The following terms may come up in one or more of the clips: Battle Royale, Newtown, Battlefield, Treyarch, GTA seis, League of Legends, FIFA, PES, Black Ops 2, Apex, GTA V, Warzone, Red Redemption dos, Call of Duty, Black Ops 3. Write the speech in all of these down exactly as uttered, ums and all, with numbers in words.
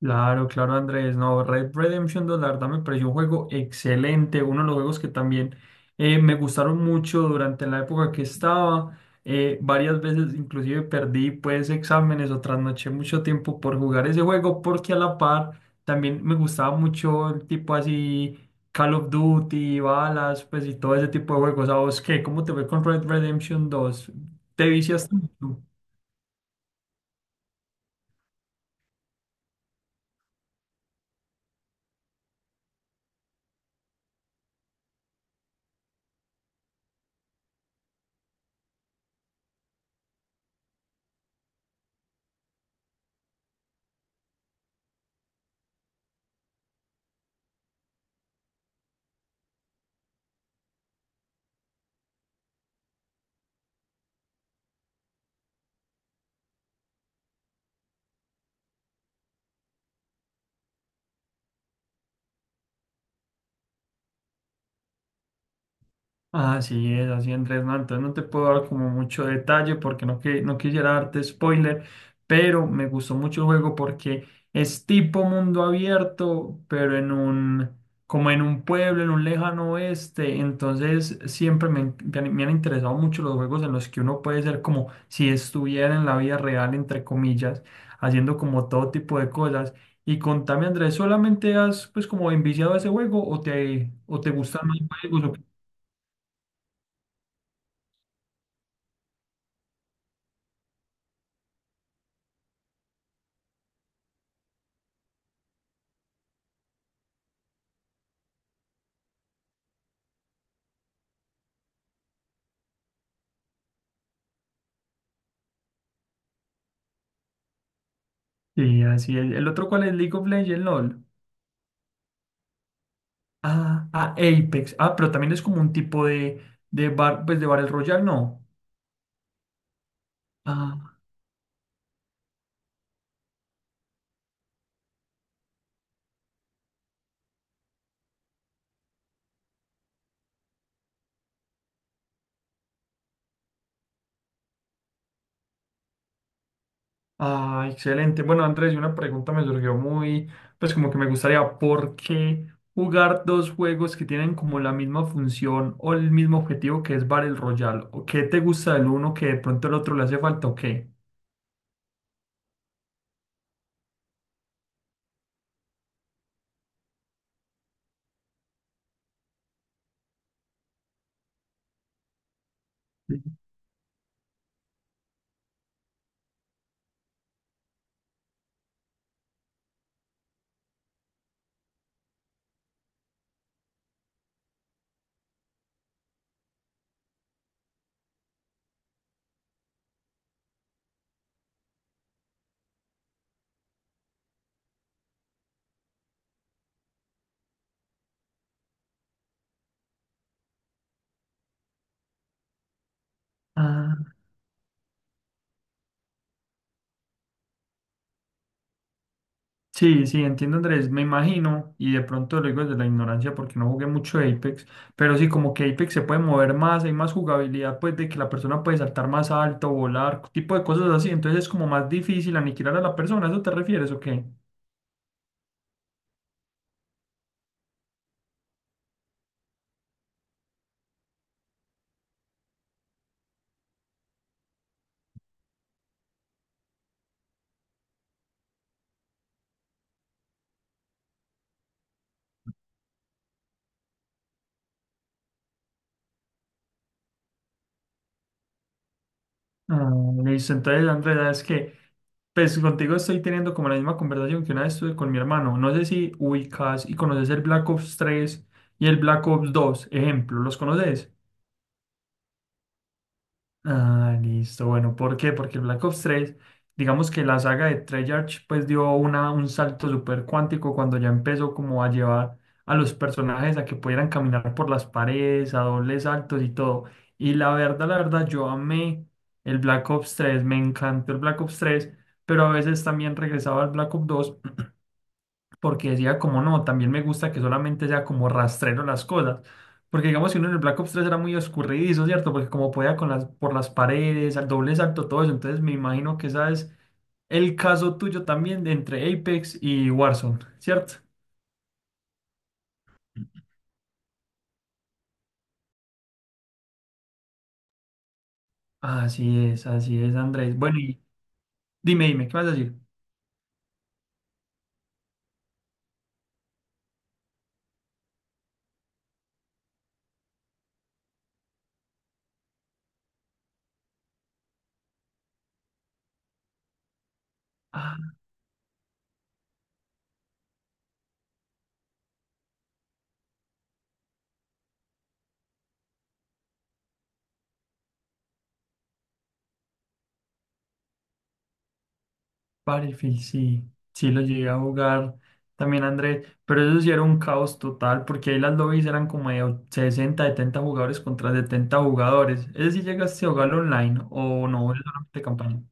Claro, claro, Andrés. No, Red Redemption dos, la verdad me pareció un juego excelente. Uno de los juegos que también eh, me gustaron mucho durante la época que estaba. Eh, varias veces inclusive perdí pues exámenes o trasnoché mucho tiempo por jugar ese juego porque a la par también me gustaba mucho el tipo así Call of Duty, balas, pues y todo ese tipo de juegos. ¿A vos qué? ¿Cómo te fue con Red Redemption dos? ¿Te viciaste? Así es, así Andrés, no, entonces no te puedo dar como mucho detalle porque no, que, no quisiera darte spoiler, pero me gustó mucho el juego porque es tipo mundo abierto, pero en un, como en un pueblo, en un lejano oeste, entonces siempre me, in- me han me han interesado mucho los juegos en los que uno puede ser como si estuviera en la vida real, entre comillas, haciendo como todo tipo de cosas. Y contame Andrés, ¿solamente has pues como enviciado a ese juego o te, o te gustan más juegos o Sí, así es? ¿El otro cuál es? League of Legends, LOL. Ah, ah, Apex. Ah, pero también es como un tipo de, de bar, pues de Battle Royale, ¿no? Ah, ah, excelente. Bueno, Andrés, y una pregunta me surgió muy, pues como que me gustaría, ¿por qué jugar dos juegos que tienen como la misma función o el mismo objetivo que es Battle Royale? ¿O qué te gusta del uno que de pronto el otro le hace falta o qué? Sí. Sí, sí, entiendo Andrés, me imagino, y de pronto lo digo desde la ignorancia porque no jugué mucho Apex, pero sí como que Apex se puede mover más, hay más jugabilidad pues de que la persona puede saltar más alto, volar, tipo de cosas así, entonces es como más difícil aniquilar a la persona, ¿a eso te refieres o qué? Ah, listo, entonces Andrés, es que pues contigo estoy teniendo como la misma conversación que una vez tuve con mi hermano, no sé si ubicas y conoces el Black Ops tres y el Black Ops dos, ejemplo, ¿los conoces? Ah, listo. Bueno, ¿por qué? Porque Black Ops tres digamos que la saga de Treyarch pues dio una, un salto súper cuántico cuando ya empezó como a llevar a los personajes a que pudieran caminar por las paredes, a dobles saltos y todo. Y la verdad, la verdad, yo amé el Black Ops tres, me encantó el Black Ops tres, pero a veces también regresaba al Black Ops dos porque decía como no, también me gusta que solamente sea como rastrero las cosas. Porque digamos que uno en el Black Ops tres era muy oscurridizo, ¿cierto? Porque como podía con las, por las paredes, al doble salto, todo eso. Entonces me imagino que esa es el caso tuyo también de entre Apex y Warzone, ¿cierto? Así es, así es, Andrés. Bueno, y dime, dime, ¿qué vas a decir? Battlefield, sí, sí lo llegué a jugar también Andrés, pero eso sí era un caos total, porque ahí las lobbies eran como de och- sesenta, setenta jugadores contra setenta jugadores. ¿Ese sí llegaste a jugar online o no? ¿Es solamente campaña?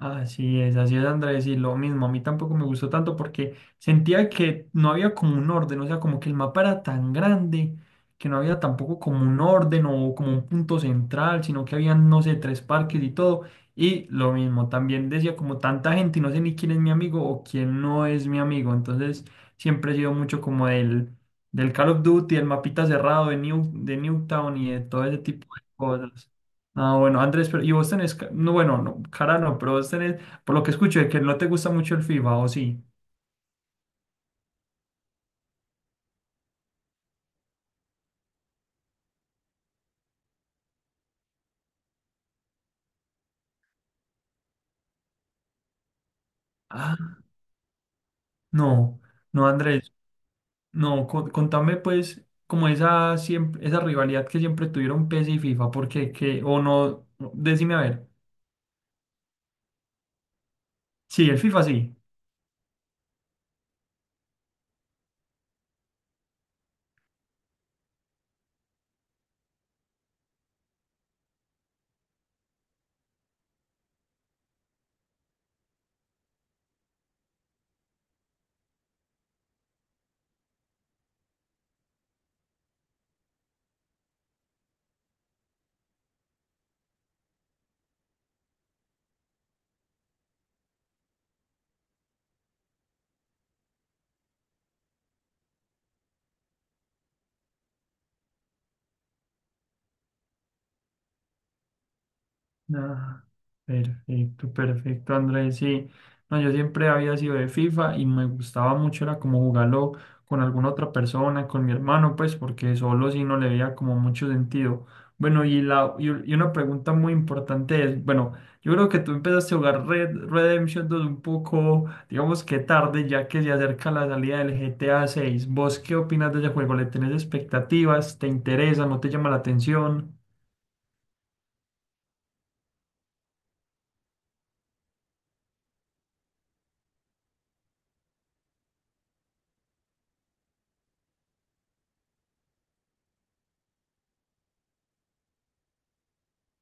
Así es, así es, Andrés, y lo mismo, a mí tampoco me gustó tanto porque sentía que no había como un orden, o sea, como que el mapa era tan grande que no había tampoco como un orden o como un punto central, sino que habían, no sé, tres parques y todo, y lo mismo, también decía como tanta gente y no sé ni quién es mi amigo o quién no es mi amigo, entonces siempre he sido mucho como del, del Call of Duty, el mapita cerrado de New, de Newtown y de todo ese tipo de cosas. Ah, bueno, Andrés, pero y vos tenés, ca- no, bueno, no, cara no, pero vos tenés, por lo que escucho, de que no te gusta mucho el FIFA, ¿o sí? Ah, no, no, Andrés, no, co- contame pues como esa siempre, esa rivalidad que siempre tuvieron PES y FIFA, porque que, o no, no, decime a ver, sí, el FIFA sí. Ah, perfecto, perfecto, Andrés. Sí, no, yo siempre había sido de FIFA y me gustaba mucho, era como jugarlo con alguna otra persona, con mi hermano, pues, porque solo sí no le veía como mucho sentido. Bueno, y, la, y, y una pregunta muy importante es, bueno, yo creo que tú empezaste a jugar Red Redemption dos un poco, digamos que tarde, ya que se acerca la salida del G T A seis. ¿Vos qué opinas de ese juego? ¿Le tenés expectativas? ¿Te interesa? ¿No te llama la atención?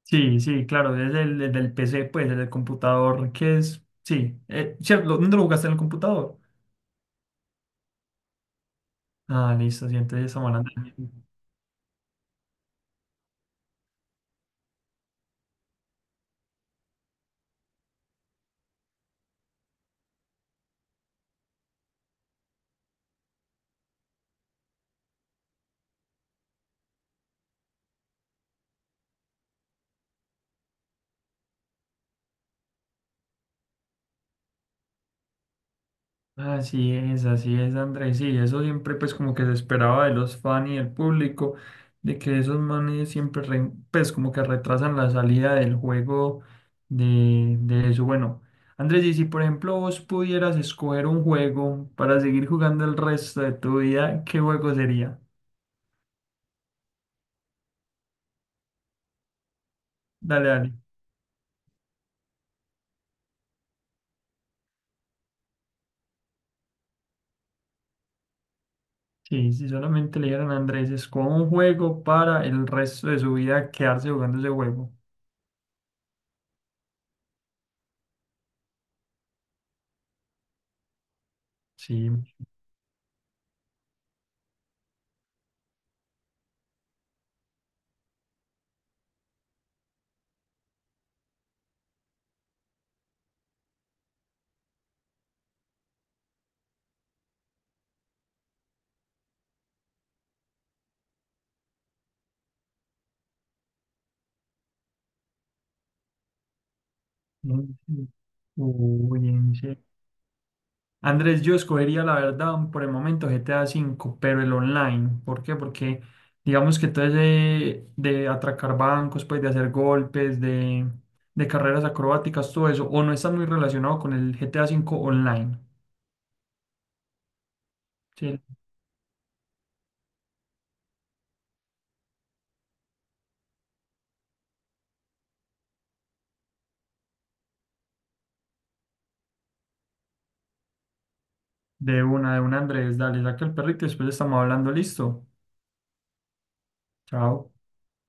Sí, sí, claro, desde el, desde el P C, pues, desde el computador, que es, sí, eh, cierto, ¿lo- ¿dónde lo jugaste en el computador? Ah, listo, sí, entonces estamos hablando del mismo. Así es, así es, Andrés, sí, eso siempre, pues, como que se esperaba de los fans y del público, de que esos manes siempre, re- pues, como que retrasan la salida del juego de, de eso. Bueno, Andrés, y si, por ejemplo, vos pudieras escoger un juego para seguir jugando el resto de tu vida, ¿qué juego sería? Dale, dale. Sí, si solamente le dieran a Andrés, escoja un juego para el resto de su vida quedarse jugando ese juego. Sí. Mm. Sí. Uy, en serio. Andrés, yo escogería la verdad por el momento G T A cinco, pero el online. ¿Por qué? Porque digamos que todo ese de atracar bancos, pues de hacer golpes, de, de carreras acrobáticas, todo eso, o no está muy relacionado con el G T A cinco online. Sí. De una, de una, Andrés, dale, saca el perrito y después estamos hablando, listo. Chao.